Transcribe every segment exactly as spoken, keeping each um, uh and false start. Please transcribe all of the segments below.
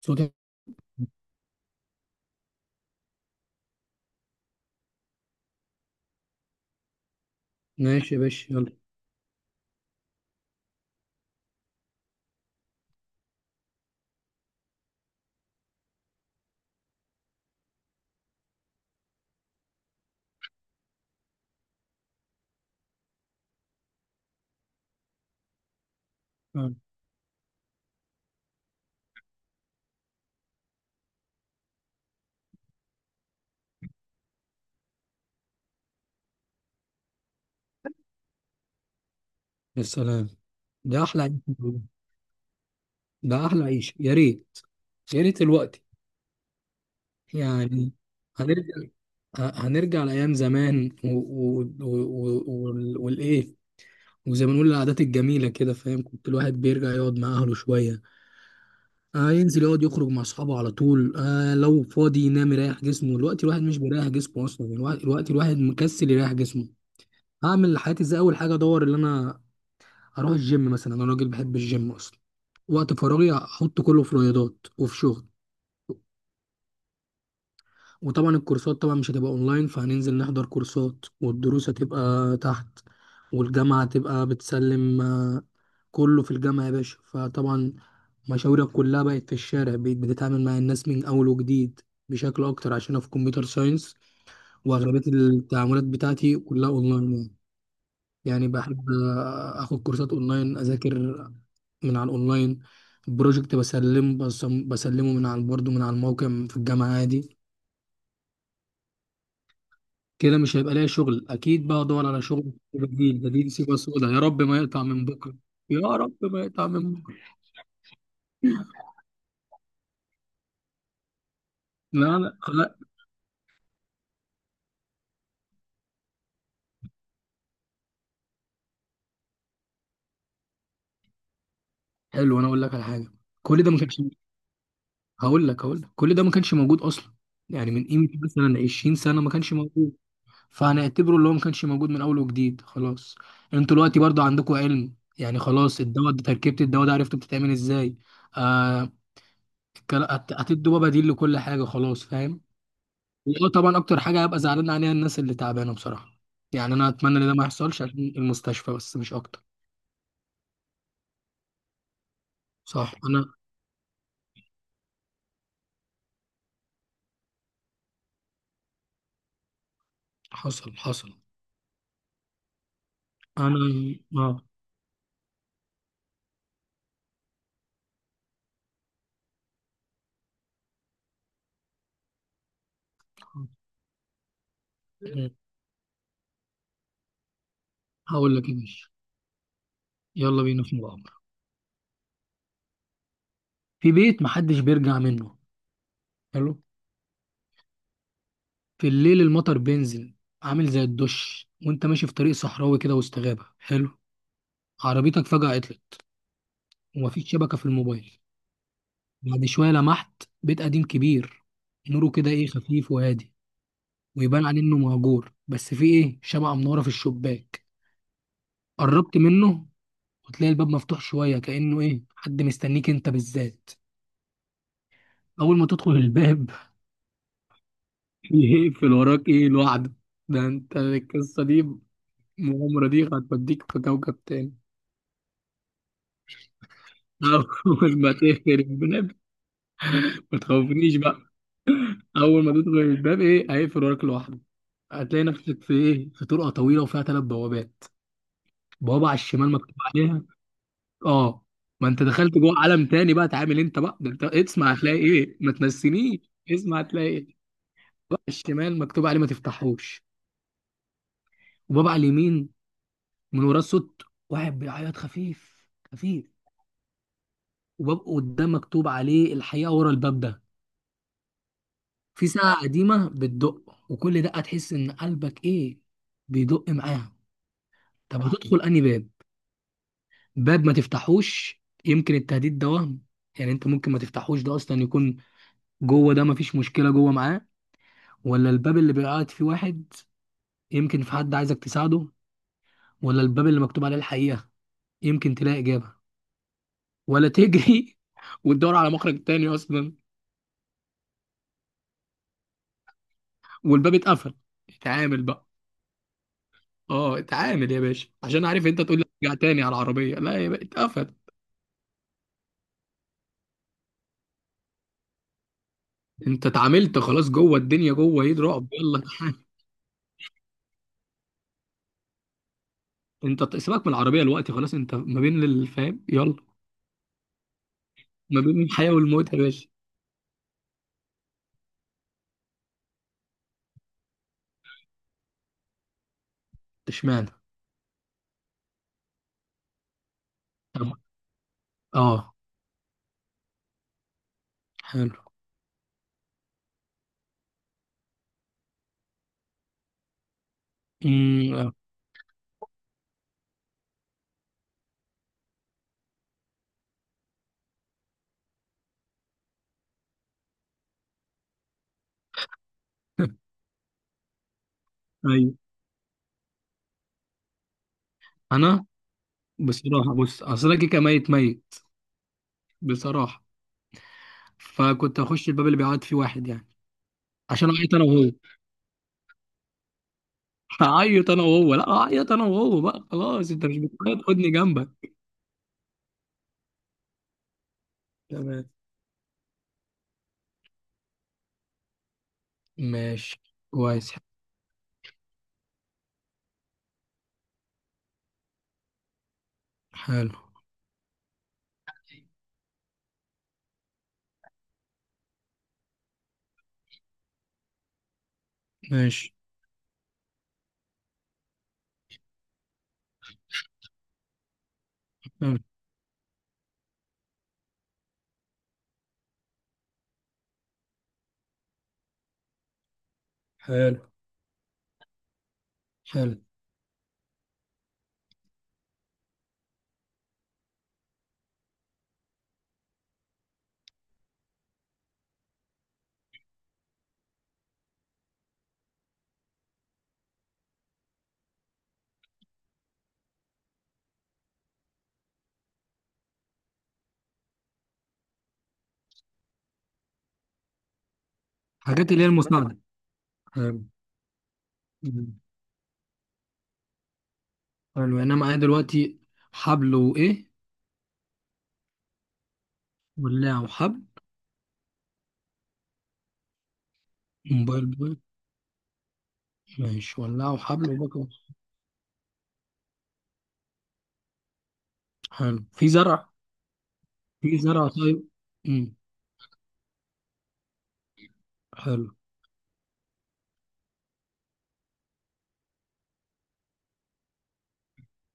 صوتك. ماشي يا باشا يلا. آه. يا سلام. ده احلى عيش موجود. ده احلى عيش يا ريت، يا ريت الوقت يعني هنرجع، ه- هنرجع لايام زمان و... و... و... و... وال- والايه، وزي ما نقول العادات الجميله كده، فاهم؟ كنت الواحد بيرجع يقعد مع اهله شويه، آه ينزل يقعد يخرج مع اصحابه على طول، آه لو فاضي ينام يريح جسمه. دلوقتي الواحد مش بيريح جسمه اصلا، الوا- الوقت الواحد مكسل يريح جسمه. هعمل حياتي ازاي؟ اول حاجه ادور اللي انا، هروح الجيم مثلا، انا راجل بحب الجيم اصلا. وقت فراغي هحط كله في رياضات وفي شغل. وطبعا الكورسات طبعا مش هتبقى اونلاين، فهننزل نحضر كورسات، والدروس هتبقى تحت، والجامعة هتبقى بتسلم، آه، كله في الجامعة يا باشا. فطبعا مشاورك كلها بقت في الشارع، بقيت بتتعامل مع الناس من اول وجديد بشكل اكتر، عشان انا في كمبيوتر ساينس واغلبية التعاملات بتاعتي كلها اونلاين يعني. يعني بحب اخد كورسات اونلاين، اذاكر من على الاونلاين، بروجكت بسلمه، بسم- بسلمه من على، برضه من على الموقع في الجامعه، عادي. كده مش هيبقى ليا شغل، اكيد بقى ادور على شغل بديل. بديل سيبه، سودا يا رب ما يقطع من بكره. يا رب ما يقطع من بكره. لا لا لا. حلو، انا اقول لك على حاجه. كل ده ما كانش، هقول لك هقول لك كل ده ما كانش موجود اصلا. يعني من قيمه مثلا عشرين سنه ما كانش موجود، فهنعتبره اللي هو ما كانش موجود من اول وجديد، خلاص. انتوا دلوقتي برضو عندكم علم يعني، خلاص الدواء ده تركيبة الدواء ده عرفتوا بتتعمل ازاي. آه. الكلا- هت- هتدوا بقى بديل لكل حاجة، خلاص، فاهم. اه طبعا اكتر حاجة هبقى زعلان عليها الناس اللي تعبانة، بصراحة. يعني انا اتمنى ان ده ما يحصلش عشان المستشفى بس، مش اكتر. صح. انا حصل حصل. انا اه، هقول لك ايه ماشي، يلا بينا في مغامرة. في بيت محدش بيرجع منه. حلو، في الليل المطر بينزل عامل زي الدش، وانت ماشي في طريق صحراوي كده وسط غابة. حلو، عربيتك فجأة عطلت، ومفيش شبكة في الموبايل. بعد شوية لمحت بيت قديم كبير، نوره كده ايه، خفيف وهادي، ويبان عليه انه مهجور، بس في ايه، شمعة منورة في الشباك. قربت منه، وتلاقي الباب مفتوح شوية كأنه ايه، حد مستنيك انت بالذات. أول ما تدخل الباب يقفل وراك ايه لوحده. ده انت القصة دي، المغامرة دي هتوديك في كوكب تاني. اول ما تقفل الباب، ما تخوفنيش بقى. اول ما تدخل الباب ايه، هيقفل وراك لوحده. هتلاقي نفسك في ايه، في طرقه طويله وفيها ثلاث بوابات. بوابه على الشمال مكتوب عليها، اه ما انت دخلت جوه عالم تاني بقى، تعامل انت بقى، ده انت اسمع هتلاقي ايه، ما تنسينيش. اسمع هتلاقي ايه. بقى على الشمال مكتوب عليه ما تفتحوش. وباب على اليمين، من وراه صوت واحد بيعيط خفيف خفيف. وباب قدام مكتوب عليه الحقيقه، ورا الباب ده في ساعة قديمة بتدق، وكل دقة تحس إن قلبك إيه، بيدق معاها. طب هتدخل أنهي باب؟ باب ما تفتحوش يمكن التهديد ده وهم، يعني أنت ممكن ما تفتحوش ده أصلا، يكون جوه ده مفيش مشكلة جوه معاه. ولا الباب اللي بيبقى قاعد فيه واحد، يمكن في حد عايزك تساعده. ولا الباب اللي مكتوب عليه الحقيقة، يمكن تلاقي إجابة. ولا تجري وتدور على مخرج تاني أصلا. والباب اتقفل، اتعامل بقى. اه اتعامل يا باشا، عشان عارف انت تقول لي ارجع تاني على العربيه، لا يا باشا، اتقفل. انت اتعاملت خلاص، جوه الدنيا، جوه ايه، رعب، يلا انت ت- سيبك من العربيه دلوقتي، خلاص انت ما بين الفهم، يلا. ما بين الحياه والموت يا باشا. اشمعنى؟ طب اه، حلو. امم، اه. ايوه. انا بصراحه بص، اصل انا كيكه ميت ميت، بصراحه. فكنت هخش الباب اللي بيعيط فيه واحد، يعني عشان اعيط انا وهو. هعيط انا وهو، لا اعيط انا وهو بقى، خلاص انت مش بتعيط، خدني جنبك. تمام. ماشي. كويس. حلو. ماشي. حلو. حلو. حلو. حاجات اللي هي المساعدة. حلو. حلو، يعني أنا معايا دلوقتي حبل وإيه؟ ولاعة وحبل. موبايل بوي. ماشي، ولاعة وحبل وباكو. حلو، في زرع؟ في زرع، طيب. امم. حلو.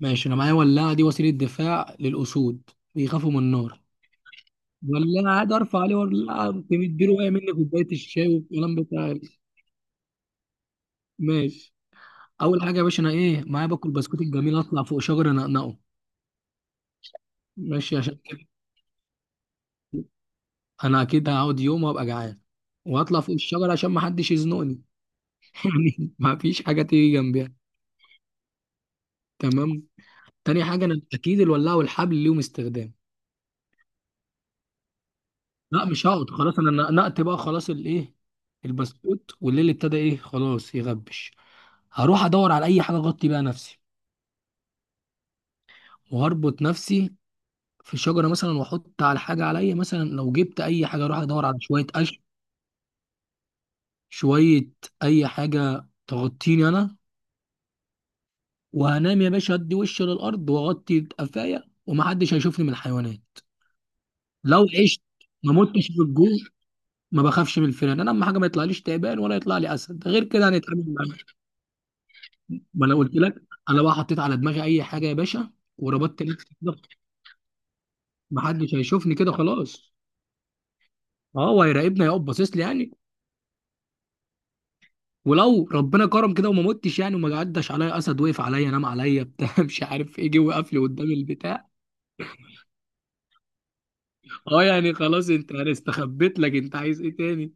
ماشي، أنا معايا ولاعة، دي وسيلة دفاع للأسود، بيخافوا من النار. ولاعة، عادي، أرفع عليه ولاعة مديله، وقع مني كوباية الشاي والكلام بتاع. ماشي. أول حاجة يا باشا، أنا إيه معايا، باكل بسكوت الجميل، أطلع فوق شجرة أنقنقه. ماشي، عشان انا اكيد هقعد يوم وابقى جعان، واطلع فوق الشجره عشان ما حدش يزنقني. يعني ما فيش حاجه تيجي جنبيها. تمام. تاني حاجه، انا اكيد الولاعه والحبل ليهم استخدام. لا مش هقعد، خلاص انا نقت بقى خلاص الايه، البسكوت، والليل ابتدى ايه، خلاص يغبش. هروح ادور على اي حاجه اغطي بيها نفسي، وهربط نفسي في الشجره مثلا، واحط على حاجه عليا مثلا، لو جبت اي حاجه، اروح ادور على شويه قش، شويه اي حاجه تغطيني انا. وهنام يا باشا، هدي وشي للارض واغطي قفايا، ومحدش هيشوفني من الحيوانات. لو عشت ما متش من الجوع، ما بخافش من الفئران. انا اهم حاجه ما يطلعليش تعبان، ولا يطلع لي اسد، غير كده هنتعامل معاه. ما انا قلت لك، انا بقى حطيت على دماغي اي حاجه يا باشا، وربطت نفسي كده، محدش هيشوفني كده خلاص. اه هو هيراقبني، هيقف باصص لي يعني. ولو ربنا كرم كده وما متش يعني، وما عداش عليا اسد وقف عليا نام عليا بتاع مش عارف ايه، جه وقف لي قدام البتاع. اه يعني خلاص، انت انا استخبيت لك، انت عايز ايه تاني؟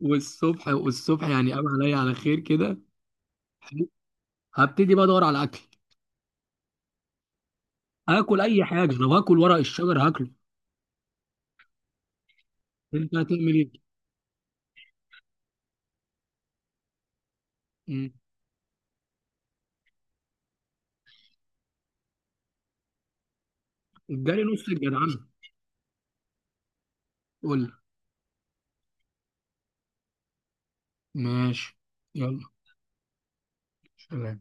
والصبح، والصبح يعني قام عليا على خير كده. حلو. هبتدي بقى ادور على اكل، هاكل اي حاجه، لو هاكل ورق الشجر هاكله. انت هتعمل ايه؟ مم. اداني نص الجدعنه، قول لي. ماشي. يلا سلام.